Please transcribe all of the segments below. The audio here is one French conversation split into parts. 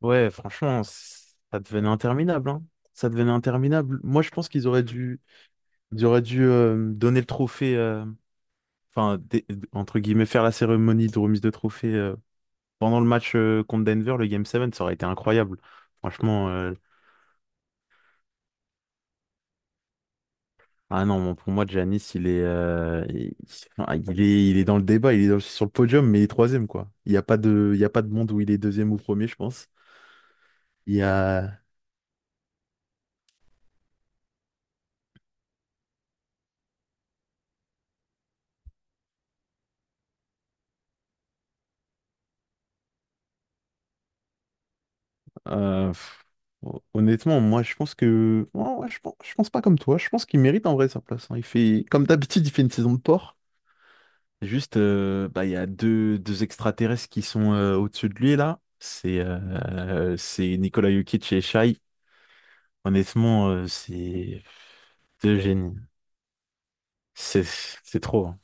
Ouais, franchement, ça devenait interminable, hein. Ça devenait interminable. Moi, je pense qu'ils auraient dû donner le trophée, enfin, entre guillemets, faire la cérémonie de remise de trophée pendant le match contre Denver, le Game 7, ça aurait été incroyable. Franchement, euh, ah non, bon, pour moi, Giannis, il est dans le débat, sur le podium, mais il est troisième, quoi. Il y a pas de monde où il est deuxième ou premier, je pense. Il y a, pff, Honnêtement, moi, je pense que. Ouais, ouais, je pense pas comme toi. Je pense qu'il mérite en vrai sa place, hein. Il fait, comme d'habitude, il fait une saison de porc. Juste, bah, il y a deux extraterrestres qui sont au-dessus de lui, là. C'est Nikola Jokic et Shai. C'est deux génies. C'est c'est trop, hein.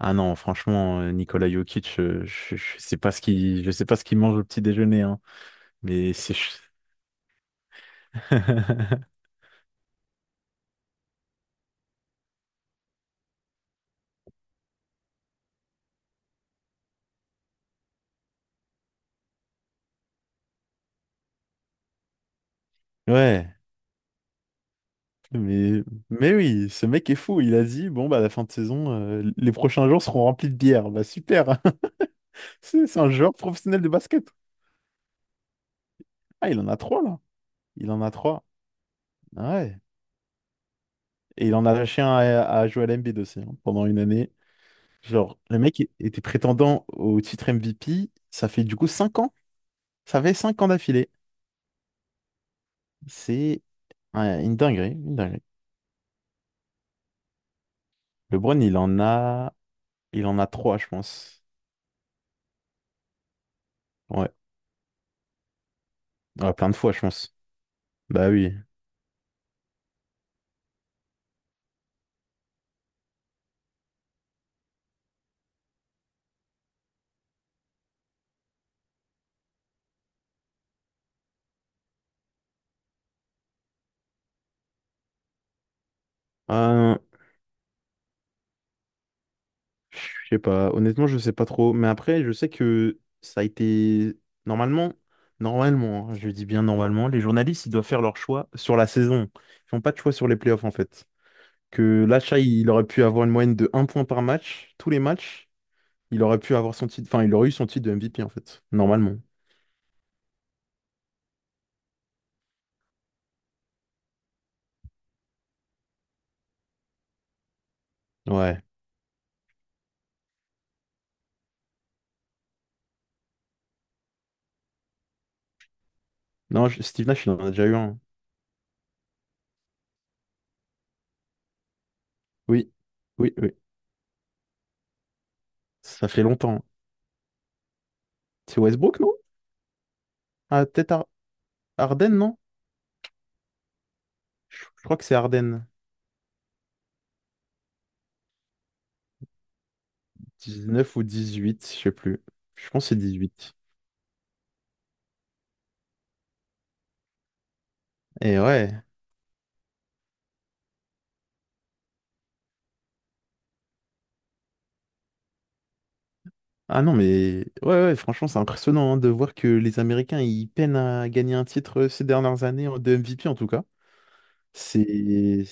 Ah non, franchement, Nikola Jokic, je sais pas je sais pas ce qu'il mange au petit déjeuner, hein. Mais c'est. ch- Ouais. Mais, mais oui, ce mec est fou. Il a dit, bon, bah, à la fin de saison, les prochains jours seront remplis de bière. Bah, super. C'est un joueur professionnel de basket. Ah, il en a trois, là. Il en a trois. Ah ouais. Et il en a lâché un à Joel Embiid aussi, hein, pendant une année. Genre, était prétendant au titre MVP. Ça fait du coup cinq ans. Ça fait cinq ans d'affilée. C'est ouais, une dinguerie, une dinguerie. LeBron, il en a trois, je pense. Ouais. Ouais, plein de fois, je pense. Bah oui. Euh, Je sais pas, honnêtement, je sais pas trop. Mais après, je sais que ça a été normalement, normalement, hein, je dis bien normalement, les journalistes, ils doivent faire leur choix sur la saison. Ils font pas de choix sur les playoffs en fait. Que l'achat, il aurait pu avoir une moyenne de un point par match, tous les matchs, il aurait pu avoir son titre, enfin, il aurait eu son titre de MVP en fait, normalement. Ouais. Non, je- Steve Nash, il en a déjà eu un. Oui, oui, oui. Ça fait longtemps. C'est Westbrook, non? Ah, peut-être Ar- Harden, non? Je crois que c'est Harden. Dix-neuf ou 18, je sais plus. Je pense que c'est huit. Et ouais. Ah non, mais ouais, ouais, franchement, c'est impressionnant hein, de voir que les Américains, ils peinent à gagner un titre ces dernières années de MVP en tout cas. C'est...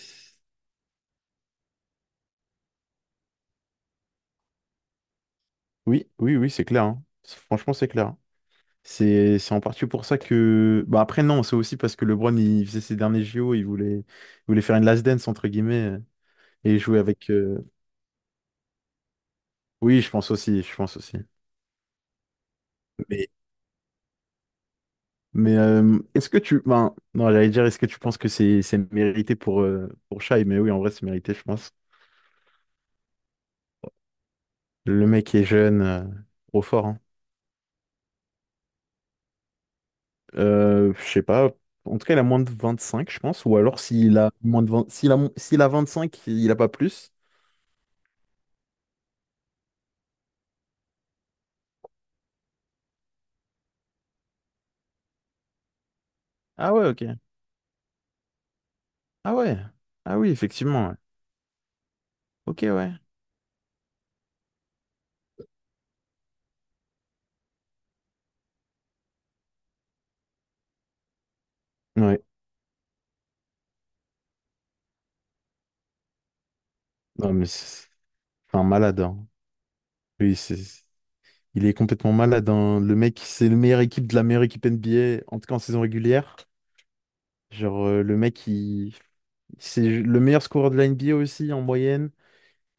Oui, oui, oui, c'est clair, hein. Franchement, c'est clair, hein. C'est en partie pour ça que... Bah après, non, c'est aussi parce que LeBron, il faisait ses derniers JO, il voulait faire une last dance, entre guillemets, et jouer avec... Oui, je pense aussi, je pense aussi. Est-ce que tu... Ben, non, j'allais dire, est-ce que tu penses que c'est mérité pour Shai? Mais oui, en vrai, c'est mérité, je pense. Le mec est jeune, trop fort, hein. Je sais pas. En tout cas, il a moins de 25 je pense. Ou alors, s'il a moins de vingt, s'il a vingt cinq il a pas plus. Ah ouais, ok. Ah ouais. Ah oui, effectivement, ouais. Ok, ouais. Ouais. Non, mais C'est un malade, hein. Oui, c'est... Il est complètement malade, hein. Le mec, c'est le meilleur équipe de la meilleure équipe NBA, en tout cas en saison régulière. Genre, euh, le mec, il... C'est le meilleur scoreur de la NBA aussi en moyenne.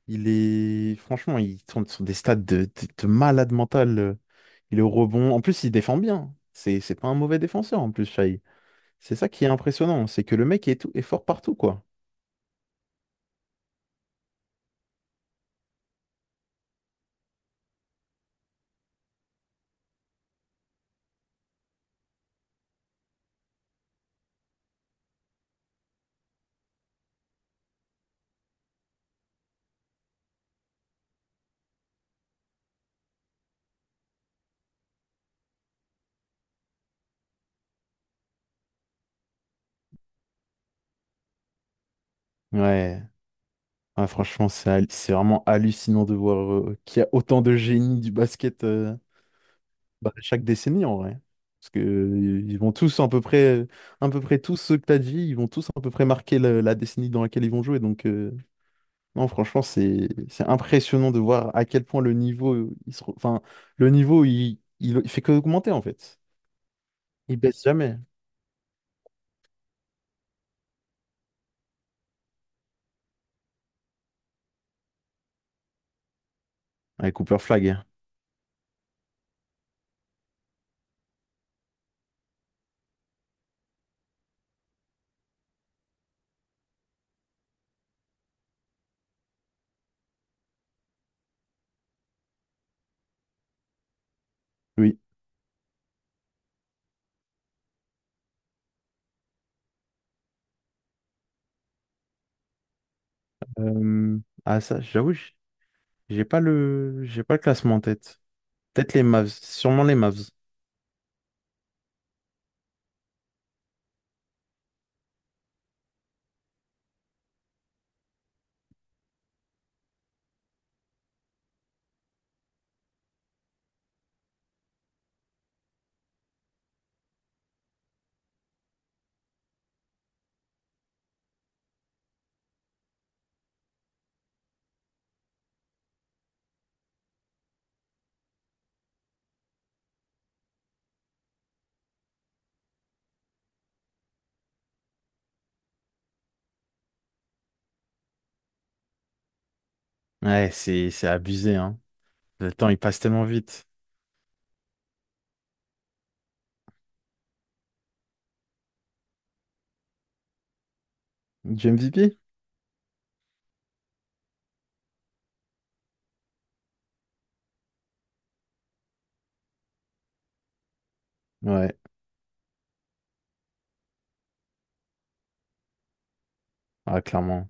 Il est franchement, il tourne sur des stades de malade mental. Il est au rebond. En plus, il défend bien. C'est pas un mauvais défenseur en plus, Shai. C'est ça qui est impressionnant, c'est que le mec est, tout, est fort partout quoi. Ouais, ouais, franchement, c'est vraiment hallucinant de voir qu'il y a autant de génies du basket bah, chaque décennie en vrai. Parce que ils vont tous à peu près tous ceux que t'as dit, ils vont tous à peu près marquer la décennie dans laquelle ils vont jouer. Non, franchement, c'est impressionnant de voir à quel point le niveau, enfin, le niveau, il fait qu'augmenter en fait. Il baisse jamais. Avec Cooper Flag. Oui. Ah ça, j'avoue, j'ai pas le classement en tête. Peut-être les Mavs, sûrement les Mavs. Ouais, c'est abusé, hein. Le temps, il passe tellement vite. Du MVP? Ouais, ah, clairement.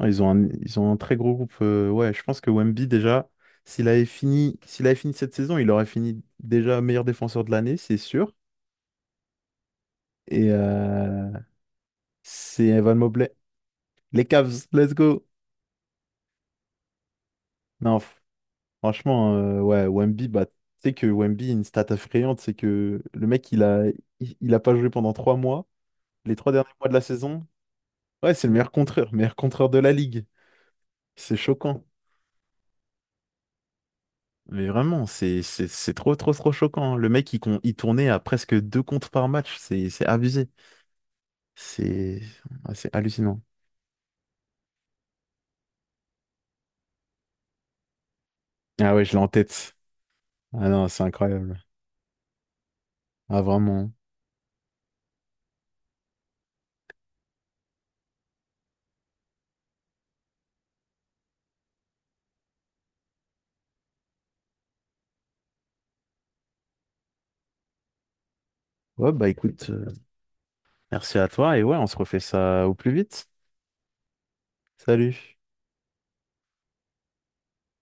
Ah, ils ont un, ils ont un très gros groupe. Ouais, je pense que Wemby, déjà, s'il avait fini cette saison, il aurait fini déjà meilleur défenseur de l'année, c'est sûr. Et euh, c'est Evan Mobley. Les Cavs, let's go! Non, f- franchement, ouais, Wemby, bah, tu sais que Wemby, une stat effrayante, c'est que le mec, il a pas joué pendant trois mois. Les trois derniers mois de la saison, ouais, c'est le meilleur contreur de la ligue. C'est choquant. Mais vraiment, c'est trop, trop, trop choquant, hein. Le mec, il tournait à presque deux comptes par match. C'est abusé. C'est Ah, c'est hallucinant. Ah ouais, je l'ai en tête. Ah non, c'est incroyable. Ah vraiment. Ouais, bah écoute, merci à toi. Et ouais, on se refait ça au plus vite. Salut.